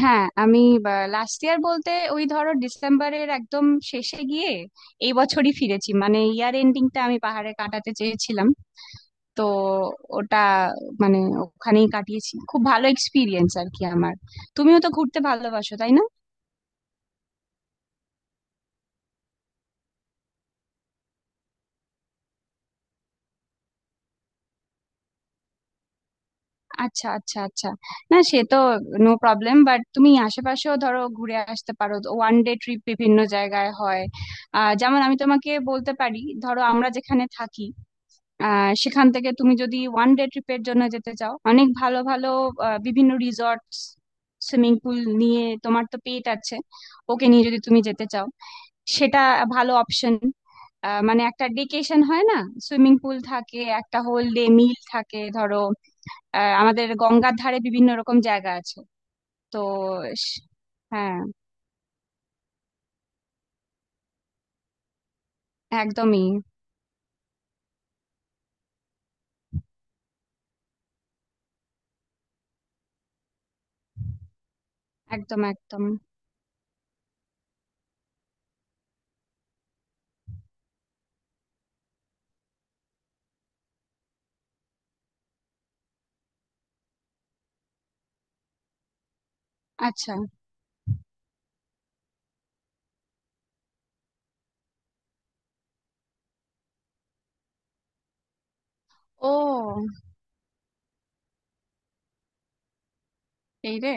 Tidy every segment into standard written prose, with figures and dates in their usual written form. হ্যাঁ, আমি last year বলতে ওই ধরো ডিসেম্বরের একদম শেষে গিয়ে এই বছরই ফিরেছি, মানে ইয়ার এন্ডিংটা আমি পাহাড়ে কাটাতে চেয়েছিলাম। তো ওটা মানে ওখানেই কাটিয়েছি, খুব ভালো এক্সপিরিয়েন্স আর কি আমার। তুমিও তো ঘুরতে ভালোবাসো, তাই না? আচ্ছা, আচ্ছা, আচ্ছা, না সে তো নো প্রবলেম, বাট তুমি আশেপাশেও ধরো ঘুরে আসতে পারো, ওয়ান ডে ট্রিপ বিভিন্ন জায়গায় হয়। যেমন আমি তোমাকে বলতে পারি, ধরো আমরা যেখানে থাকি সেখান থেকে তুমি যদি ওয়ান ডে ট্রিপের জন্য যেতে চাও, অনেক ভালো ভালো বিভিন্ন রিসর্টস। সুইমিং পুল নিয়ে, তোমার তো পেট আছে, ওকে নিয়ে যদি তুমি যেতে চাও, সেটা ভালো অপশন। মানে একটা ডেকেশন হয় না, সুইমিং পুল থাকে, একটা হোল ডে মিল থাকে ধরো। আমাদের গঙ্গার ধারে বিভিন্ন রকম জায়গা আছে। তো স- হ্যাঁ, একদমই, একদম একদম। আচ্ছা। ও। এই রে।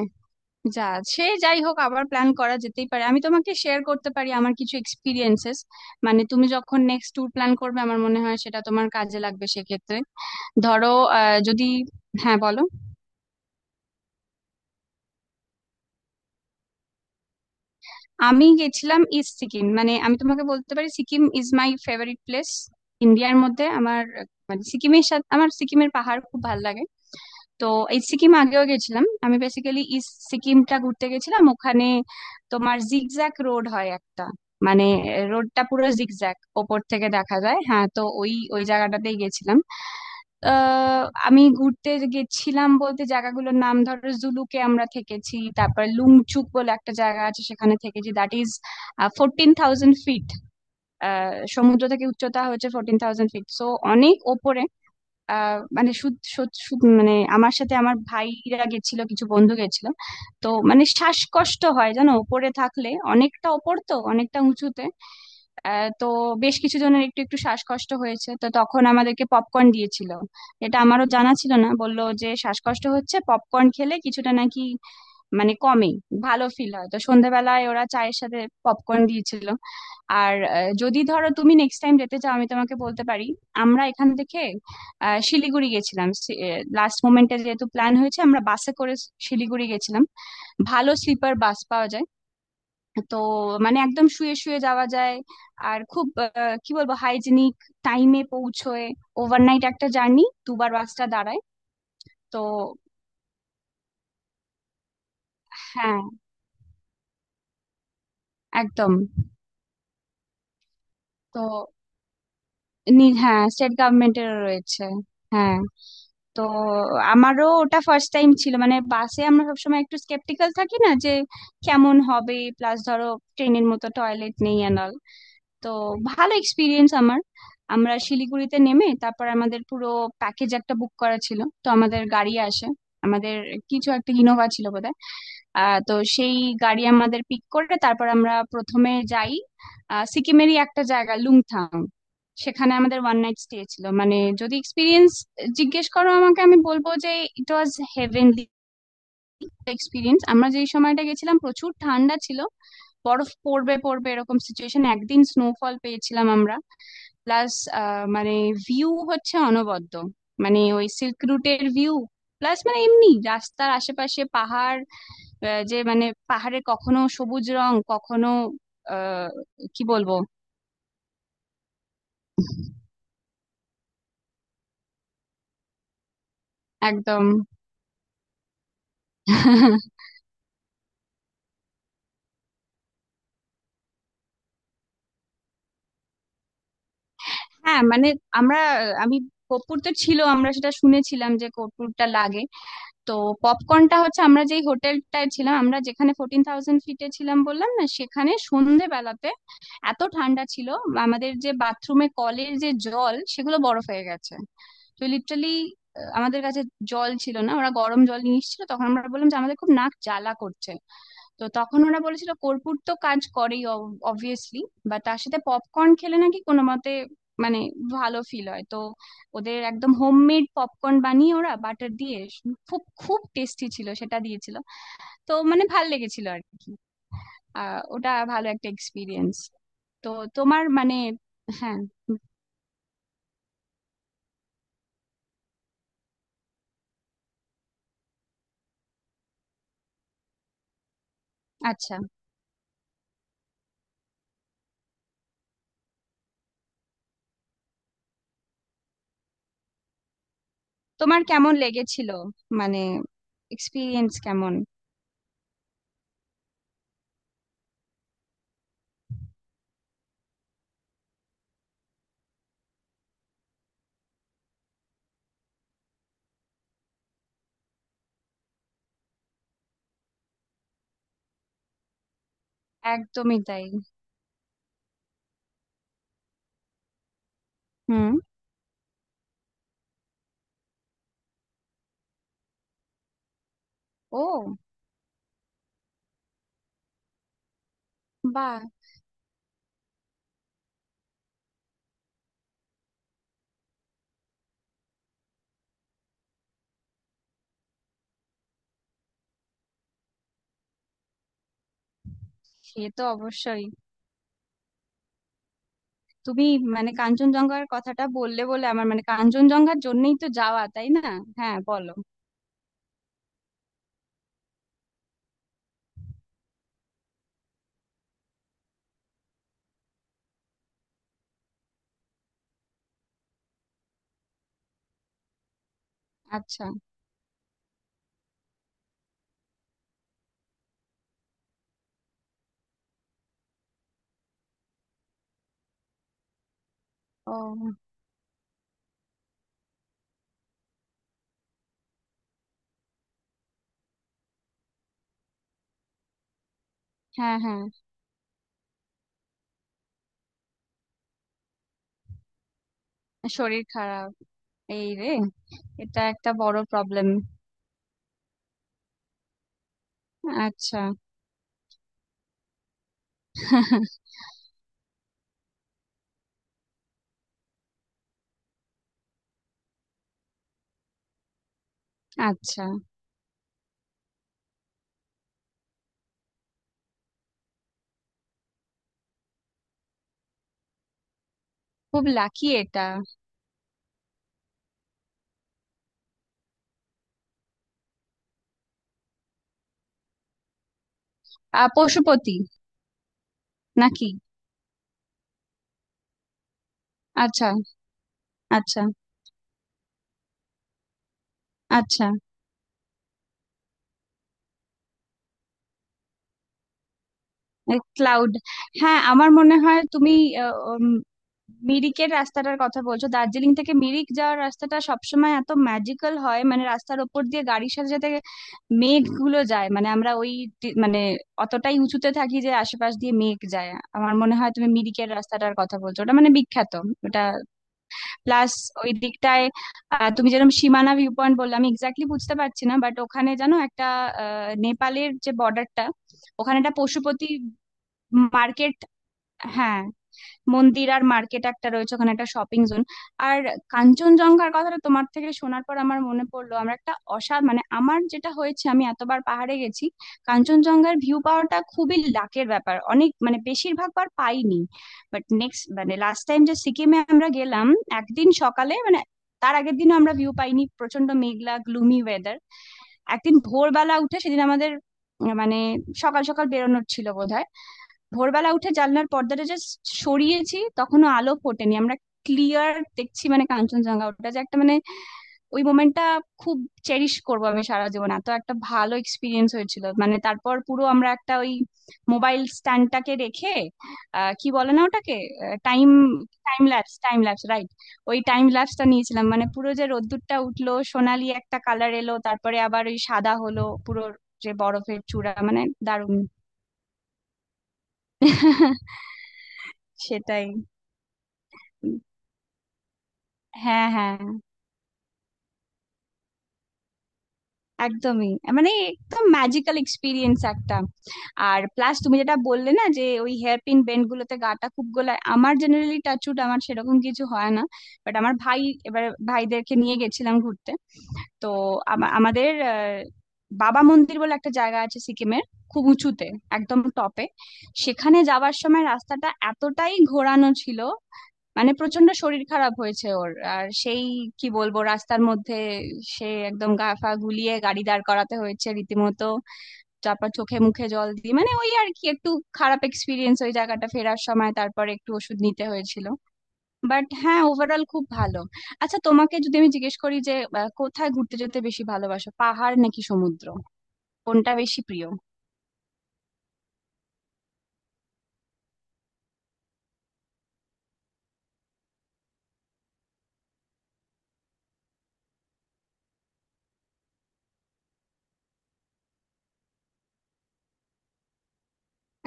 যা, সে যাই হোক, আবার প্ল্যান করা যেতেই পারে। আমি তোমাকে শেয়ার করতে পারি আমার কিছু এক্সপিরিয়েন্সেস, মানে তুমি যখন নেক্সট ট্যুর প্ল্যান করবে, আমার মনে হয় সেটা তোমার কাজে লাগবে সেক্ষেত্রে। ধরো আহ, যদি হ্যাঁ বলো। আমি গেছিলাম ইস্ট সিকিম, মানে আমি তোমাকে বলতে পারি Sikkim is my favourite place ইন্ডিয়ার মধ্যে আমার। মানে সিকিমের সাথে আমার, সিকিমের পাহাড় খুব ভালো লাগে। তো এই সিকিম আগেও গেছিলাম আমি, বেসিক্যালি ইস্ট সিকিমটা ঘুরতে গেছিলাম ওখানে। তোমার জিগজ্যাগ রোড হয় একটা, মানে রোডটা পুরো জিগজ্যাগ, ওপর থেকে দেখা যায়। হ্যাঁ, তো ওই ওই জায়গাটাতেই গেছিলাম। আহ, আমি ঘুরতে গেছিলাম বলতে, জায়গাগুলোর নাম ধরো জুলুকে আমরা থেকেছি, তারপর লুংচুক বলে একটা জায়গা আছে সেখানে থেকেছি, দ্যাট ইজ 14,000 ফিট। সমুদ্র থেকে উচ্চতা হচ্ছে 14,000 ফিট, সো অনেক ওপরে। আহ মানে শুধ শুধ- শুধ- মানে আমার সাথে আমার ভাইরা গেছিল, কিছু বন্ধু গেছিল। তো মানে শ্বাসকষ্ট হয় জানো উপরে থাকলে, অনেকটা ওপর তো, অনেকটা উঁচুতে। তো বেশ কিছু জনের একটু একটু শ্বাসকষ্ট হয়েছে, তো তখন আমাদেরকে পপকর্ন দিয়েছিল। এটা আমারও জানা ছিল না, বললো যে শ্বাসকষ্ট হচ্ছে পপকর্ন খেলে কিছুটা নাকি মানে কমে, ভালো ফিল হয়। তো সন্ধ্যাবেলায় ওরা চায়ের সাথে পপকর্ন দিয়েছিল। আর যদি ধরো তুমি নেক্সট টাইম যেতে চাও, আমি তোমাকে বলতে পারি আমরা এখান থেকে শিলিগুড়ি গেছিলাম। লাস্ট মোমেন্টে যেহেতু প্ল্যান হয়েছে, আমরা বাসে করে শিলিগুড়ি গেছিলাম। ভালো স্লিপার বাস পাওয়া যায়, তো মানে একদম শুয়ে শুয়ে যাওয়া যায়। আর খুব কি বলবো, হাইজিনিক, টাইমে পৌঁছয়, ওভারনাইট একটা জার্নি, দুবার বাসটা দাঁড়ায়। তো হ্যাঁ, একদম। তো নি হ্যাঁ, স্টেট গভর্নমেন্টের রয়েছে, হ্যাঁ। তো আমারও ওটা ফার্স্ট টাইম ছিল, মানে বাসে আমরা সবসময় একটু স্কেপটিক্যাল থাকি না, যে কেমন হবে, প্লাস ধরো ট্রেনের মতো টয়লেট নেই অ্যান্ড অল। তো ভালো এক্সপিরিয়েন্স আমার। আমরা শিলিগুড়িতে নেমে তারপর আমাদের পুরো প্যাকেজ একটা বুক করা ছিল, তো আমাদের গাড়ি আসে, আমাদের কিছু একটা ইনোভা ছিল বোধহয়। তো সেই গাড়ি আমাদের পিক করে, তারপর আমরা প্রথমে যাই সিকিমেরই একটা জায়গা লুংথাং, সেখানে আমাদের ওয়ান নাইট স্টে ছিল। মানে যদি এক্সপিরিয়েন্স জিজ্ঞেস করো আমাকে, আমি বলবো যে ইট ওয়াজ হেভেনলি এক্সপিরিয়েন্স। আমরা যেই সময়টা গেছিলাম প্রচুর ঠান্ডা ছিল, বরফ পড়বে পড়বে এরকম সিচুয়েশন, একদিন স্নোফল পেয়েছিলাম আমরা। প্লাস মানে ভিউ হচ্ছে অনবদ্য, মানে ওই সিল্ক রুটের ভিউ, প্লাস মানে এমনি রাস্তার আশেপাশে পাহাড়, যে মানে পাহাড়ে কখনো সবুজ রং, কখনো আহ কি বলবো, একদম। হ্যাঁ, মানে আমরা আমি কর্পূর তো ছিল, আমরা সেটা শুনেছিলাম যে কর্পূরটা লাগে। তো পপকর্নটা হচ্ছে, আমরা যেই হোটেলটায় ছিলাম, আমরা যেখানে 14,000 ফিটে ছিলাম বললাম না, সেখানে সন্ধেবেলাতে এত ঠান্ডা ছিল আমাদের, যে বাথরুমে কলের যে জল সেগুলো বরফ হয়ে গেছে। তো লিটারালি আমাদের কাছে জল ছিল না, ওরা গরম জল নিয়ে এসেছিল। তখন আমরা বললাম যে আমাদের খুব নাক জ্বালা করছে, তো তখন ওরা বলেছিল কর্পূর তো কাজ করেই, অবভিয়াসলি, বা তার সাথে পপকর্ন খেলে নাকি কোনো মতে মানে ভালো ফিল হয়। তো ওদের একদম হোমমেড পপকর্ন বানিয়ে ওরা বাটার দিয়ে, খুব খুব টেস্টি ছিল, সেটা দিয়েছিল। তো মানে ভাল লেগেছিল আর কি। ওটা ভালো একটা এক্সপিরিয়েন্স। তো তোমার মানে, হ্যাঁ, আচ্ছা তোমার কেমন লেগেছিল, মানে এক্সপিরিয়েন্স কেমন? একদমই তাই। হুম। ও। বাহ। সে তো অবশ্যই। তুমি মানে কাঞ্চনজঙ্ঘার কথাটা বললে বলে, আমার মানে, কাঞ্চনজঙ্ঘার জন্যই তো যাওয়া, তাই না? হ্যাঁ, বলো। আচ্ছা। ও। হ্যাঁ, হ্যাঁ। শরীর খারাপ, এই রে, এটা একটা বড় প্রবলেম। আচ্ছা। আচ্ছা। খুব লাকি এটা। আ, পশুপতি নাকি? আচ্ছা, আচ্ছা, আচ্ছা। ক্লাউড। হ্যাঁ, আমার মনে হয় তুমি আহ, উম, মিরিকের রাস্তাটার কথা বলছো। দার্জিলিং থেকে মিরিক যাওয়ার রাস্তাটা সবসময় এত ম্যাজিক্যাল হয়, মানে রাস্তার ওপর দিয়ে গাড়ির সাথে সাথে মেঘগুলো যায়, মানে আমরা মানে অতটাই উঁচুতে থাকি যে আশেপাশ দিয়ে মেঘ যায়। আমার মনে হয় তুমি মিরিকের রাস্তাটার কথা বলছো, ওটা মানে বিখ্যাত ওটা। প্লাস ওই দিকটায় তুমি যেরকম সীমানা ভিউ পয়েন্ট বললে, আমি এক্স্যাক্টলি বুঝতে পারছি না, বাট ওখানে জানো একটা নেপালের যে বর্ডারটা, ওখানে একটা পশুপতি মার্কেট, হ্যাঁ, মন্দির আর মার্কেট একটা রয়েছে ওখানে, একটা শপিং জোন। আর কাঞ্চনজঙ্ঘার কথাটা তোমার থেকে শোনার পর আমার মনে পড়লো, আমরা একটা মানে আমার যেটা হয়েছে, আমি এতবার পাহাড়ে গেছি, কাঞ্চনজঙ্ঘার ভিউ পাওয়াটা খুবই লাকের ব্যাপার, অনেক মানে বেশিরভাগ বার পাইনি। বাট নেক্সট মানে লাস্ট টাইম যে সিকিমে আমরা গেলাম, একদিন সকালে, মানে তার আগের দিনও আমরা ভিউ পাইনি, প্রচন্ড মেঘলা গ্লুমি ওয়েদার। একদিন ভোরবেলা উঠে, সেদিন আমাদের মানে সকাল সকাল বেরোনোর ছিল বোধ। ভোরবেলা উঠে জানলার পর্দাটা জাস্ট সরিয়েছি, তখনো আলো ফোটেনি, আমরা ক্লিয়ার দেখছি মানে কাঞ্চনজঙ্ঘা। ওটা যে একটা মানে, ওই মোমেন্টটা খুব চেরিশ করবো আমি সারা জীবন, এত একটা ভালো এক্সপিরিয়েন্স হয়েছিল। মানে তারপর পুরো আমরা একটা ওই মোবাইল স্ট্যান্ডটাকে রেখে, কি বলে না ওটাকে, time time lapse, time lapse, right, ওই টাইম ল্যাপসটা নিয়েছিলাম। মানে পুরো যে রোদ্দুরটা উঠলো, সোনালি একটা কালার এলো, তারপরে আবার ওই সাদা হলো পুরো যে বরফের চূড়া, মানে দারুণ। সেটাই, হ্যাঁ হ্যাঁ, একদমই, মানে একদম ম্যাজিক্যাল এক্সপিরিয়েন্স একটা। আর প্লাস তুমি যেটা বললে না, যে ওই হেয়ার পিন বেন্ড গুলোতে গাটা খুব গোলায়, আমার জেনারেলি টাচুট আমার সেরকম কিছু হয় না, বাট আমার ভাই, এবার ভাইদেরকে নিয়ে গেছিলাম ঘুরতে। তো আমাদের বাবা মন্দির বলে একটা জায়গা আছে সিকিমের, খুব উঁচুতে, একদম টপে, সেখানে যাওয়ার সময় রাস্তাটা এতটাই ঘোরানো ছিল, মানে প্রচন্ড শরীর খারাপ হয়েছে ওর। আর সেই কি বলবো, রাস্তার মধ্যে সে একদম গা ফা গুলিয়ে গাড়ি দাঁড় করাতে হয়েছে রীতিমতো, তারপর চোখে মুখে জল দিয়ে মানে ওই আর কি একটু খারাপ এক্সপিরিয়েন্স ওই জায়গাটা ফেরার সময়, তারপরে একটু ওষুধ নিতে হয়েছিল। বাট হ্যাঁ, ওভারঅল খুব ভালো। আচ্ছা, তোমাকে যদি আমি জিজ্ঞেস করি যে কোথায় ঘুরতে যেতে বেশি ভালোবাসো, পাহাড় নাকি সমুদ্র, কোনটা বেশি প্রিয়?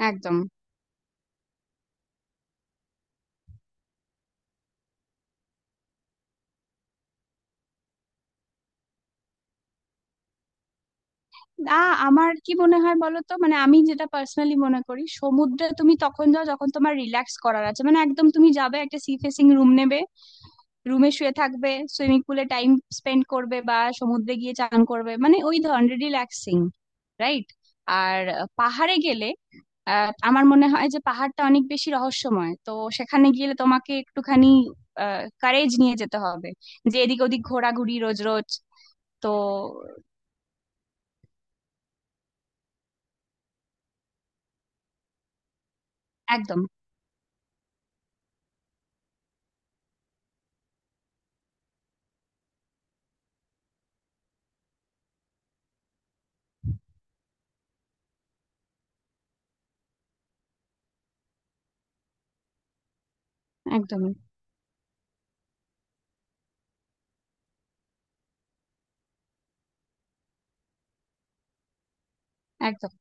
একদম না। আমার কি মনে হয় বলো তো, মানে আমি যেটা পার্সোনালি মনে করি, সমুদ্রে তুমি তখন যাও যখন তোমার রিল্যাক্স করার আছে, মানে একদম তুমি যাবে, একটা সি ফেসিং রুম নেবে, রুমে শুয়ে থাকবে, সুইমিং পুলে টাইম স্পেন্ড করবে, বা সমুদ্রে গিয়ে চান করবে, মানে ওই ধরনের রিল্যাক্সিং, রাইট? আর পাহাড়ে গেলে আমার মনে হয় যে পাহাড়টা অনেক বেশি রহস্যময়, তো সেখানে গেলে তোমাকে একটুখানি কারেজ নিয়ে যেতে হবে, যে এদিক ওদিক ঘোরাঘুরি রোজ রোজ। তো একদম, একদমই, একদম।